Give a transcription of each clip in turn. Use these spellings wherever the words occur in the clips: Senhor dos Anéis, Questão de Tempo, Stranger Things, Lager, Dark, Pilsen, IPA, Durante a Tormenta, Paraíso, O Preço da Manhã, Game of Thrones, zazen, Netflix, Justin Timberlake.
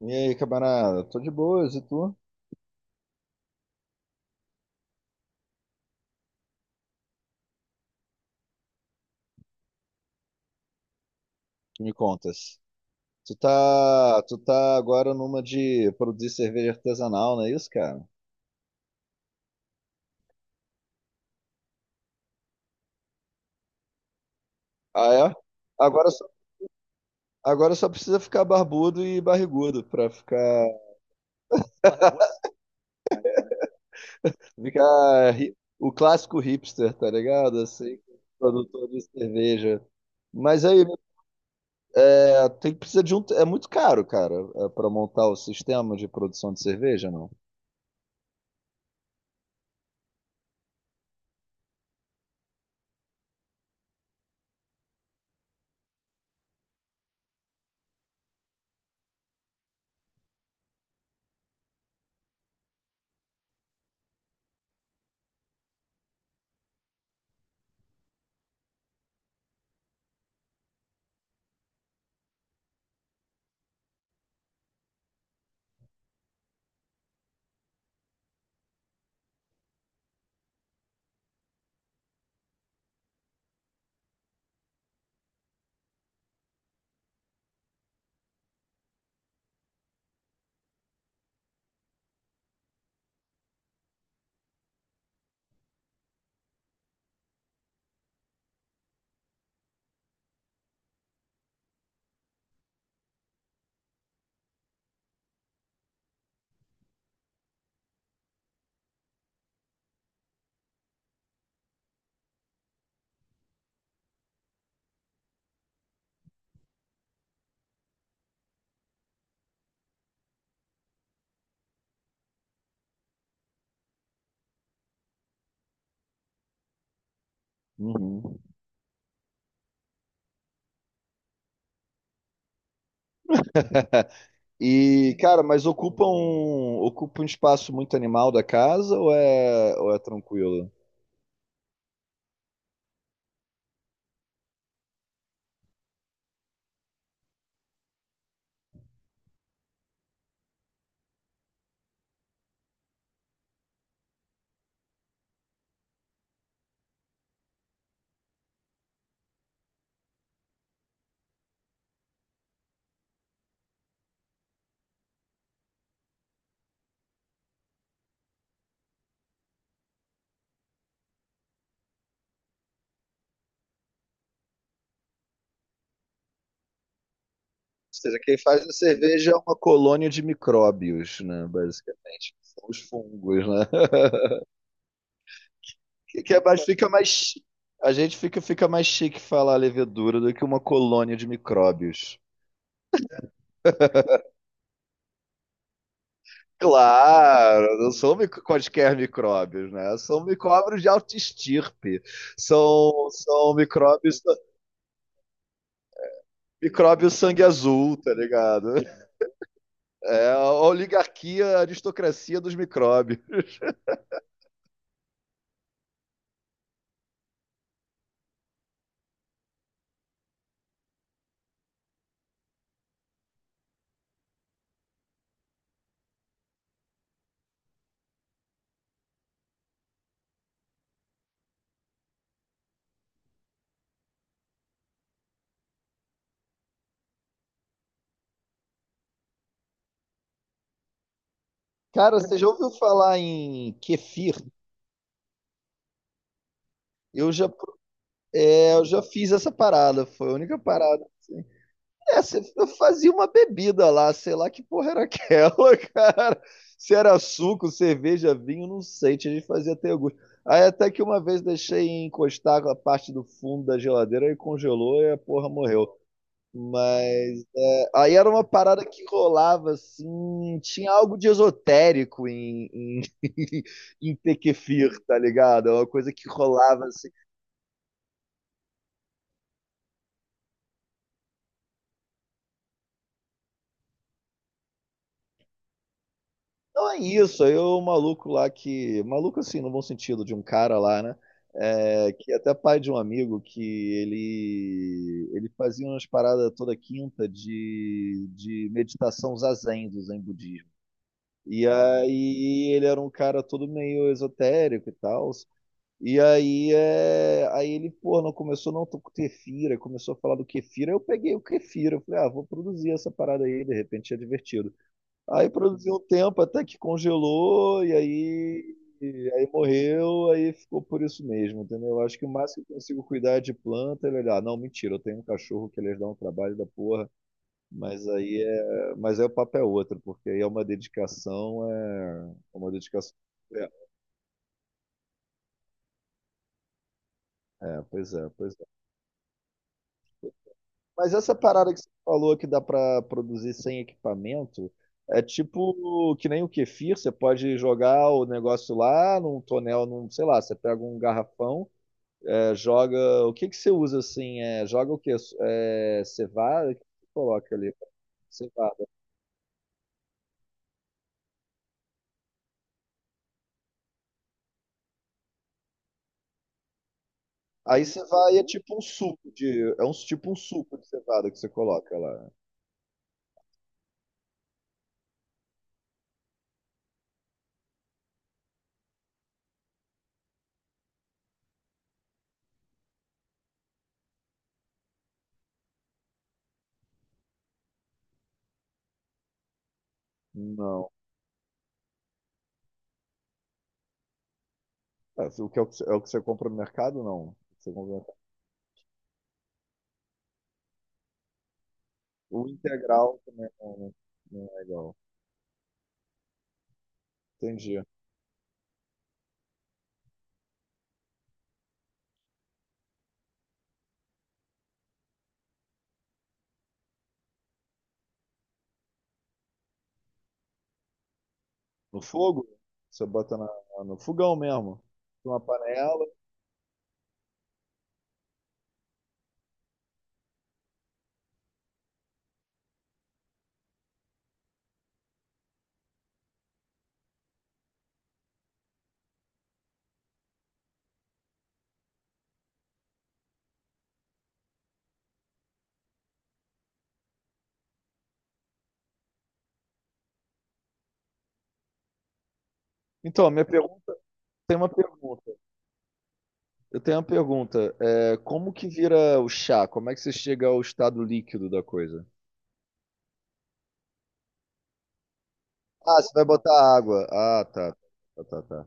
E aí, camarada? Tô de boas, e tu? Que me contas? Tu tá agora numa de produzir cerveja artesanal, não é isso, cara? Ah, é? Agora só, Agora só precisa ficar barbudo e barrigudo pra ficar, o clássico hipster, tá ligado? Assim, produtor de cerveja. Mas aí, tem que precisar de um, é muito caro, cara, é, pra montar o sistema de produção de cerveja, não? Uhum. E, cara, mas ocupa um espaço muito animal da casa ou é tranquilo? Ou seja, quem faz a cerveja é uma colônia de micróbios, né? Basicamente. São os fungos, né? Que é mais, fica mais. Chi- A gente fica mais chique falar levedura do que uma colônia de micróbios. Claro, não são quaisquer micróbios, né? São micróbios de alta estirpe. São micróbios sangue azul, tá ligado? É a oligarquia, a aristocracia dos micróbios. Cara, você já ouviu falar em kefir? Eu já, é, eu já fiz essa parada, foi a única parada. É, você eu fazia uma bebida lá, sei lá que porra era aquela, cara. Se era suco, cerveja, vinho, não sei, tinha gente que fazia até gosto. Aí até que uma vez deixei encostar a parte do fundo da geladeira e congelou e a porra morreu. Mas aí era uma parada que rolava, assim, tinha algo de esotérico em Tequefir, tá ligado? É uma coisa que rolava, assim. Não é isso, aí o maluco lá que... Maluco, assim, no bom sentido, de um cara lá, né? É, que é até pai de um amigo que ele fazia umas paradas toda quinta de meditação zazen do zen budismo. E aí ele era um cara todo meio esotérico e tal. E aí, é, aí ele, pô, não começou não, tô com Kefira, começou a falar do Kefira, eu peguei o kefir eu falei, ah, vou produzir essa parada aí, de repente é divertido. Aí produzi um tempo até que congelou, e aí morreu, aí ficou por isso mesmo, entendeu? Eu acho que o máximo que eu consigo cuidar é de planta é olhar, não, mentira, eu tenho um cachorro que eles dão um trabalho da porra, mas aí é, mas aí o papo é outro, porque aí é uma dedicação, é, é uma dedicação. É, é, pois é, pois é. Mas essa parada que você falou que dá pra produzir sem equipamento, é tipo que nem o kefir, você pode jogar o negócio lá num tonel, num, sei lá, você pega um garrafão, é, joga, o que que você usa assim? É, joga o quê? É, cevada, o que você coloca ali? Cevada. Aí cevada é tipo é um tipo um suco de cevada que você coloca lá. Não. É, o que é o que você compra no mercado? Não. Você compra no mercado. O integral também não, não é legal. Entendi. No fogo? Você bota na- no fogão mesmo. Uma panela. Então, minha pergunta, tem uma pergunta. Eu tenho uma pergunta. É, como que vira o chá? Como é que você chega ao estado líquido da coisa? Ah, você vai botar água. Ah, tá. Tá.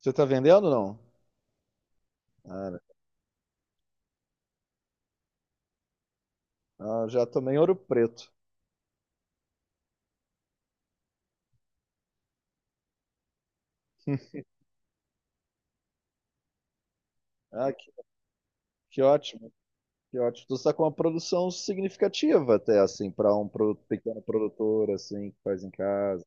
Você tá vendendo ou não? Ah, ah, já tomei ouro preto. Ah, que ótimo, que ótimo. Tu está com uma produção significativa até, assim, para um pequeno produtor, assim, que faz em casa.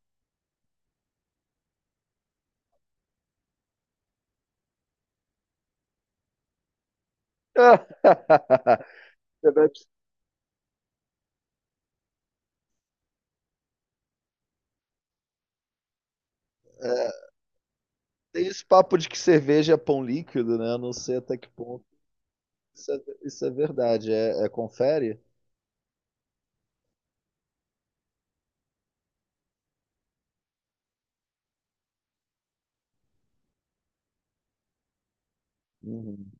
Você deve- tem esse papo de que cerveja é pão líquido, né? Eu não sei até que ponto. Isso é, isso é verdade. É, é confere? Uhum.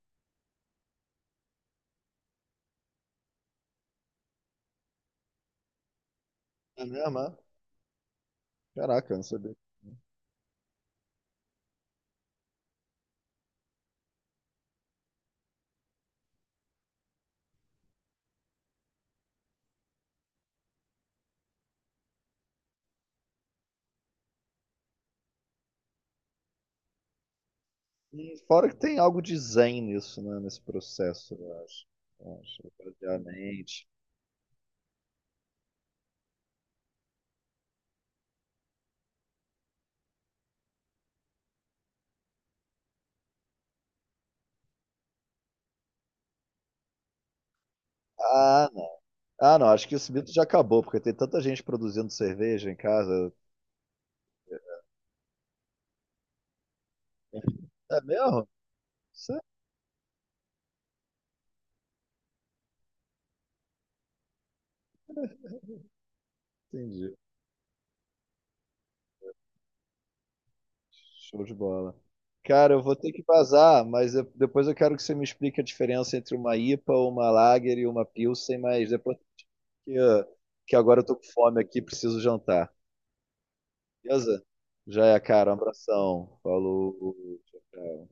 É mesmo? É? Caraca, eu não sabia. E fora que tem algo de zen nisso, né? Nesse processo, eu acho. Eu acho, obviamente. Ah, não. Ah, não. Acho que esse mito já acabou, porque tem tanta gente produzindo cerveja em casa. É mesmo? Isso é- entendi. Show de bola. Cara, eu vou ter que vazar, mas eu- depois eu quero que você me explique a diferença entre uma IPA, uma Lager e uma Pilsen, mas depois que, que agora eu tô com fome aqui, preciso jantar. Beleza? Já é, cara. Um abração. Falou. Tchau, tchau.